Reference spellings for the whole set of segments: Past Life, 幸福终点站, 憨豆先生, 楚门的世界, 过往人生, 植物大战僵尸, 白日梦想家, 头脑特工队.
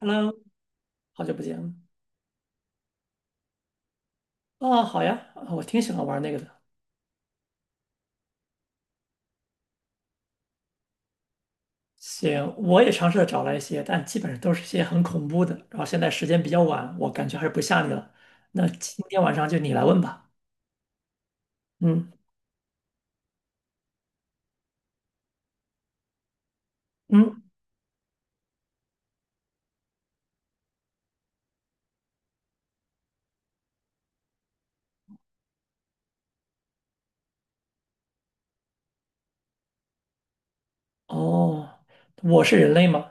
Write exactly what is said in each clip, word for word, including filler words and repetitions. Hello，好久不见啊！哦好呀，啊我挺喜欢玩那个的。行，我也尝试着找了一些，但基本上都是一些很恐怖的。然后现在时间比较晚，我感觉还是不吓你了。那今天晚上就你来问吧。嗯嗯，哦，我是人类吗？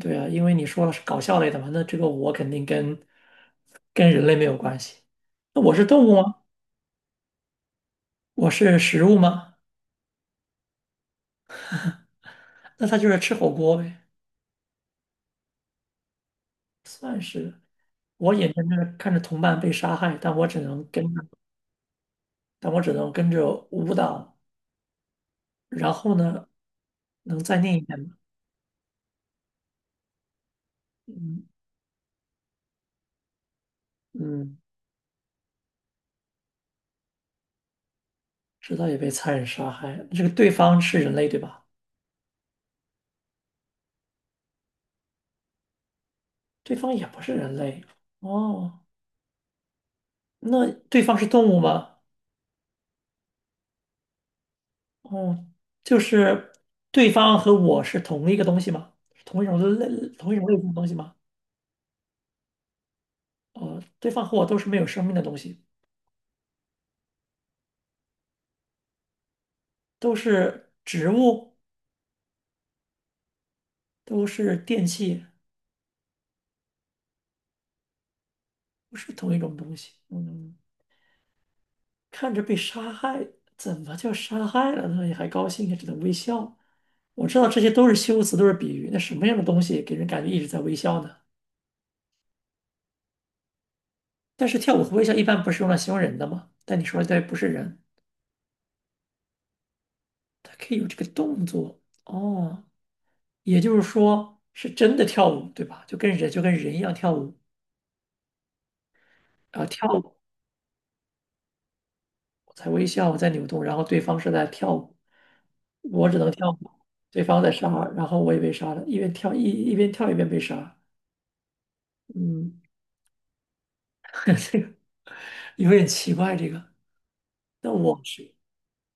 对啊，因为你说了是搞笑类的嘛，那这个我肯定跟跟人类没有关系。那我是动物吗？我是食物吗？那它就是吃火锅呗，算是。我眼睁睁的看着同伴被杀害，但我只能跟着。但我只能跟着舞蹈。然后呢，能再念一遍吗？嗯嗯，直到也被残忍杀害。这个对方是人类对吧？对方也不是人类。哦，那对方是动物吗？哦，就是对方和我是同一个东西吗？同一种类同一种类型的东西吗？哦，对方和我都是没有生命的东西，都是植物，都是电器，不是同一种东西。嗯。看着被杀害，怎么就杀害了呢？你还高兴啊，也只能微笑。我知道这些都是修辞，都是比喻。那什么样的东西给人感觉一直在微笑呢？但是跳舞和微笑一般不是用来形容人的吗？但你说的对，不是人，它可以有这个动作哦，也就是说是真的跳舞，对吧？就跟人就跟人一样跳舞啊，跳舞我在微笑，我在扭动，然后对方是在跳舞，我只能跳舞，对方在杀，然后我也被杀了，一边跳一一边跳一边被杀，嗯。这个有点奇怪，这个。那我是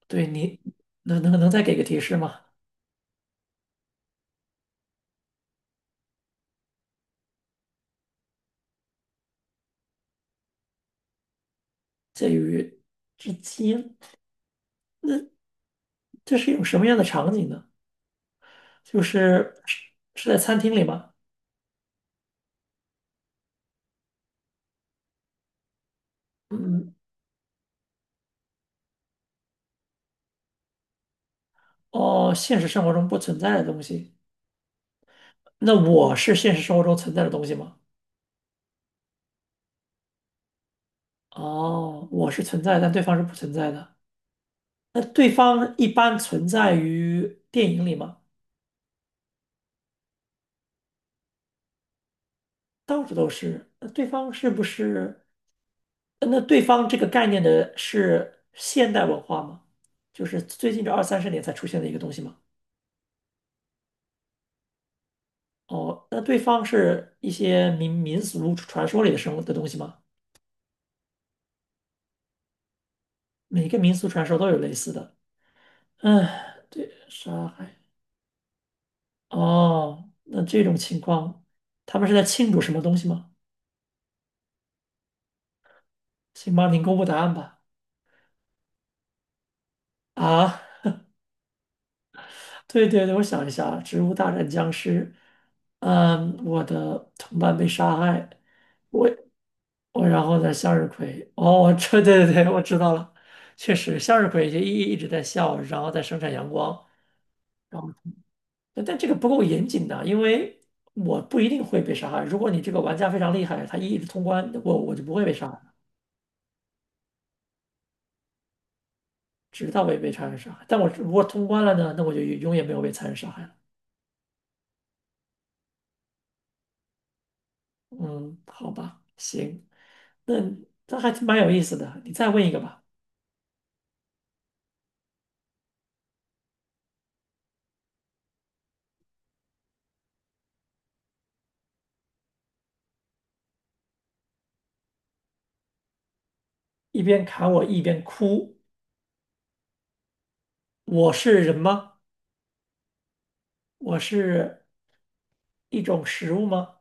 对你能能能再给个提示吗？介于之间，那这是一种什么样的场景呢？就是是是在餐厅里吗？嗯，哦，现实生活中不存在的东西。那我是现实生活中存在的东西吗？哦，我是存在，但对方是不存在的。那对方一般存在于电影里吗？到处都是。那对方是不是？那对方这个概念的是现代文化吗？就是最近这二三十年才出现的一个东西吗？哦，那对方是一些民民俗传说里的生物的东西吗？每个民俗传说都有类似的。嗯，对，杀害。哦，那这种情况，他们是在庆祝什么东西吗？请帮您公布答案吧。啊？对对对，我想一下，《植物大战僵尸》，嗯，我的同伴被杀害，我我然后呢，向日葵，哦，这对对对，我知道了，确实，向日葵就一一直在笑，然后在生产阳光，然后但但这个不够严谨的，因为我不一定会被杀害。如果你这个玩家非常厉害，他一直通关，我我就不会被杀害，直到被被残忍杀害。但我如果通关了呢，那我就永远没有被残忍杀害了。嗯，好吧，行，那这还蛮有意思的。你再问一个吧，一边砍我一边哭，我是人吗？我是一种食物吗？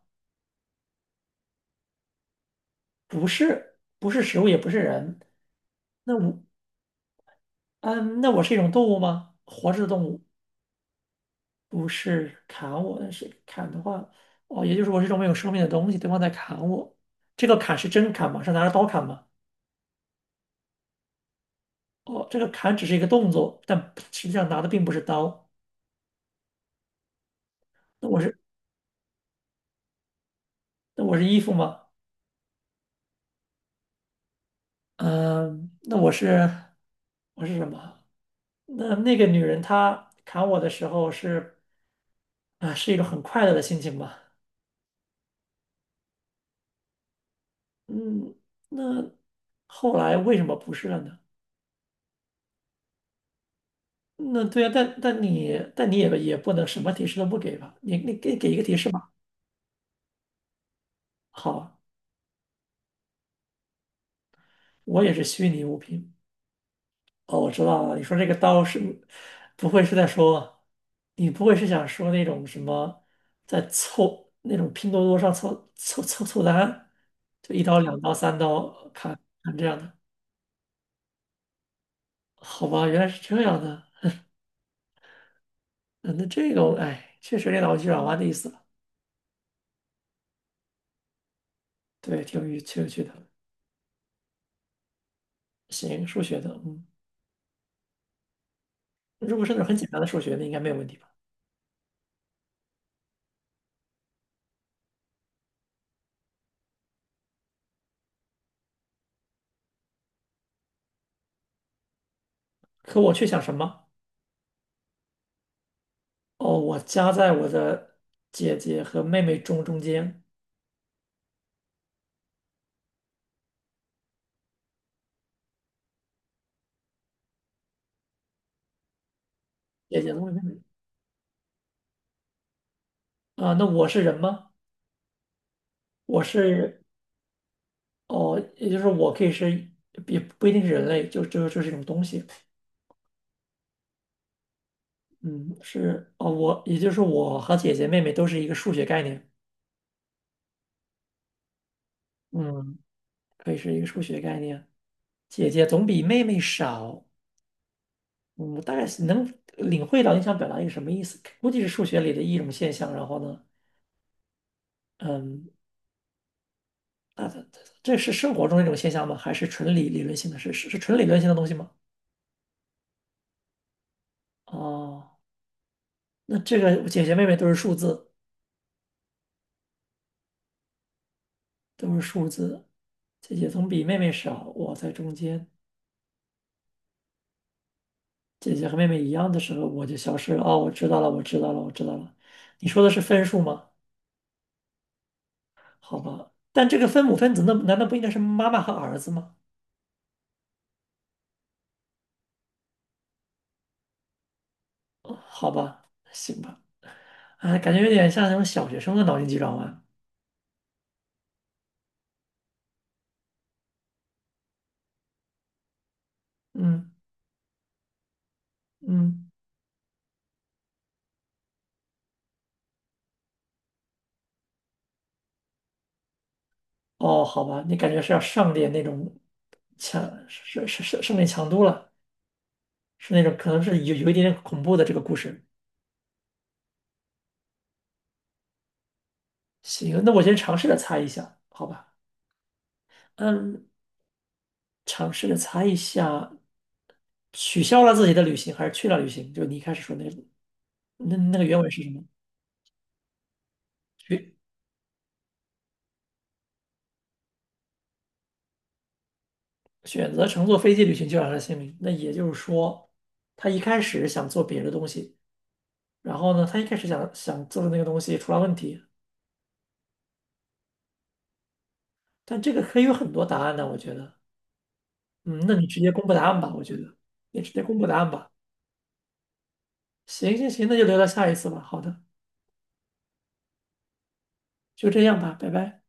不是，不是食物，也不是人。那我，嗯，那我是一种动物吗？活着的动物，不是砍我，但是砍的话，哦，也就是我是一种没有生命的东西，对方在砍我。这个砍是真砍吗？是拿着刀砍吗？哦，这个砍只是一个动作，但实际上拿的并不是刀。那我是那我是衣服吗？嗯，那我是我是什么？那那个女人她砍我的时候是啊，是一种很快乐的心情吧？嗯，那后来为什么不是了呢？那对啊，但但你但你也也不能什么提示都不给吧？你你给给一个提示吧。好啊，我也是虚拟物品。哦，我知道了，你说这个刀是，不会是在说，你不会是想说那种什么，在凑那种拼多多上凑凑凑凑单，就一刀、两刀、三刀砍砍这样的，好吧，原来是这样的，嗯那这个我哎，确实有点脑筋急转弯的意思了，对，挺有意挺有趣的。行，数学的，嗯，如果是那种很简单的数学，那应该没有问题吧？可我却想什么？哦，我夹在我的姐姐和妹妹中中间，姐姐和妹妹啊，那我是人吗？我是哦，也就是我可以是，也不一定是人类，就就就是一种东西。嗯，是哦，我也就是我和姐姐妹妹都是一个数学概念。嗯，可以是一个数学概念。姐姐总比妹妹少。嗯，我大概是能领会到你想表达一个什么意思，估计是数学里的一种现象。然后呢，嗯，那这这是生活中的一种现象吗？还是纯理理论性的？是是是纯理论性的东西吗？哦，那这个姐姐妹妹都是数字。都是数字。姐姐总比妹妹少，我在中间。姐姐和妹妹一样的时候，我就消失了。哦，我知道了，我知道了，我知道了。你说的是分数吗？好吧，但这个分母分子那难道不应该是妈妈和儿子吗？哦，好吧，行吧。哎，感觉有点像那种小学生的脑筋急转弯。嗯嗯，哦，好吧，你感觉是要上点那种强，是是是上点强度了，是那种可能是有有一点点恐怖的这个故事。行，那我先尝试着猜一下，好吧？嗯，尝试着猜一下，取消了自己的旅行还是去了旅行？就你一开始说那那那个原文是什么？选选择乘坐飞机旅行就让他的姓名。那也就是说，他一开始想做别的东西，然后呢，他一开始想想做的那个东西出了问题。但这个可以有很多答案呢，我觉得。嗯，那你直接公布答案吧，我觉得你直接公布答案吧。行行行，那就留到下一次吧。好的，就这样吧，拜拜。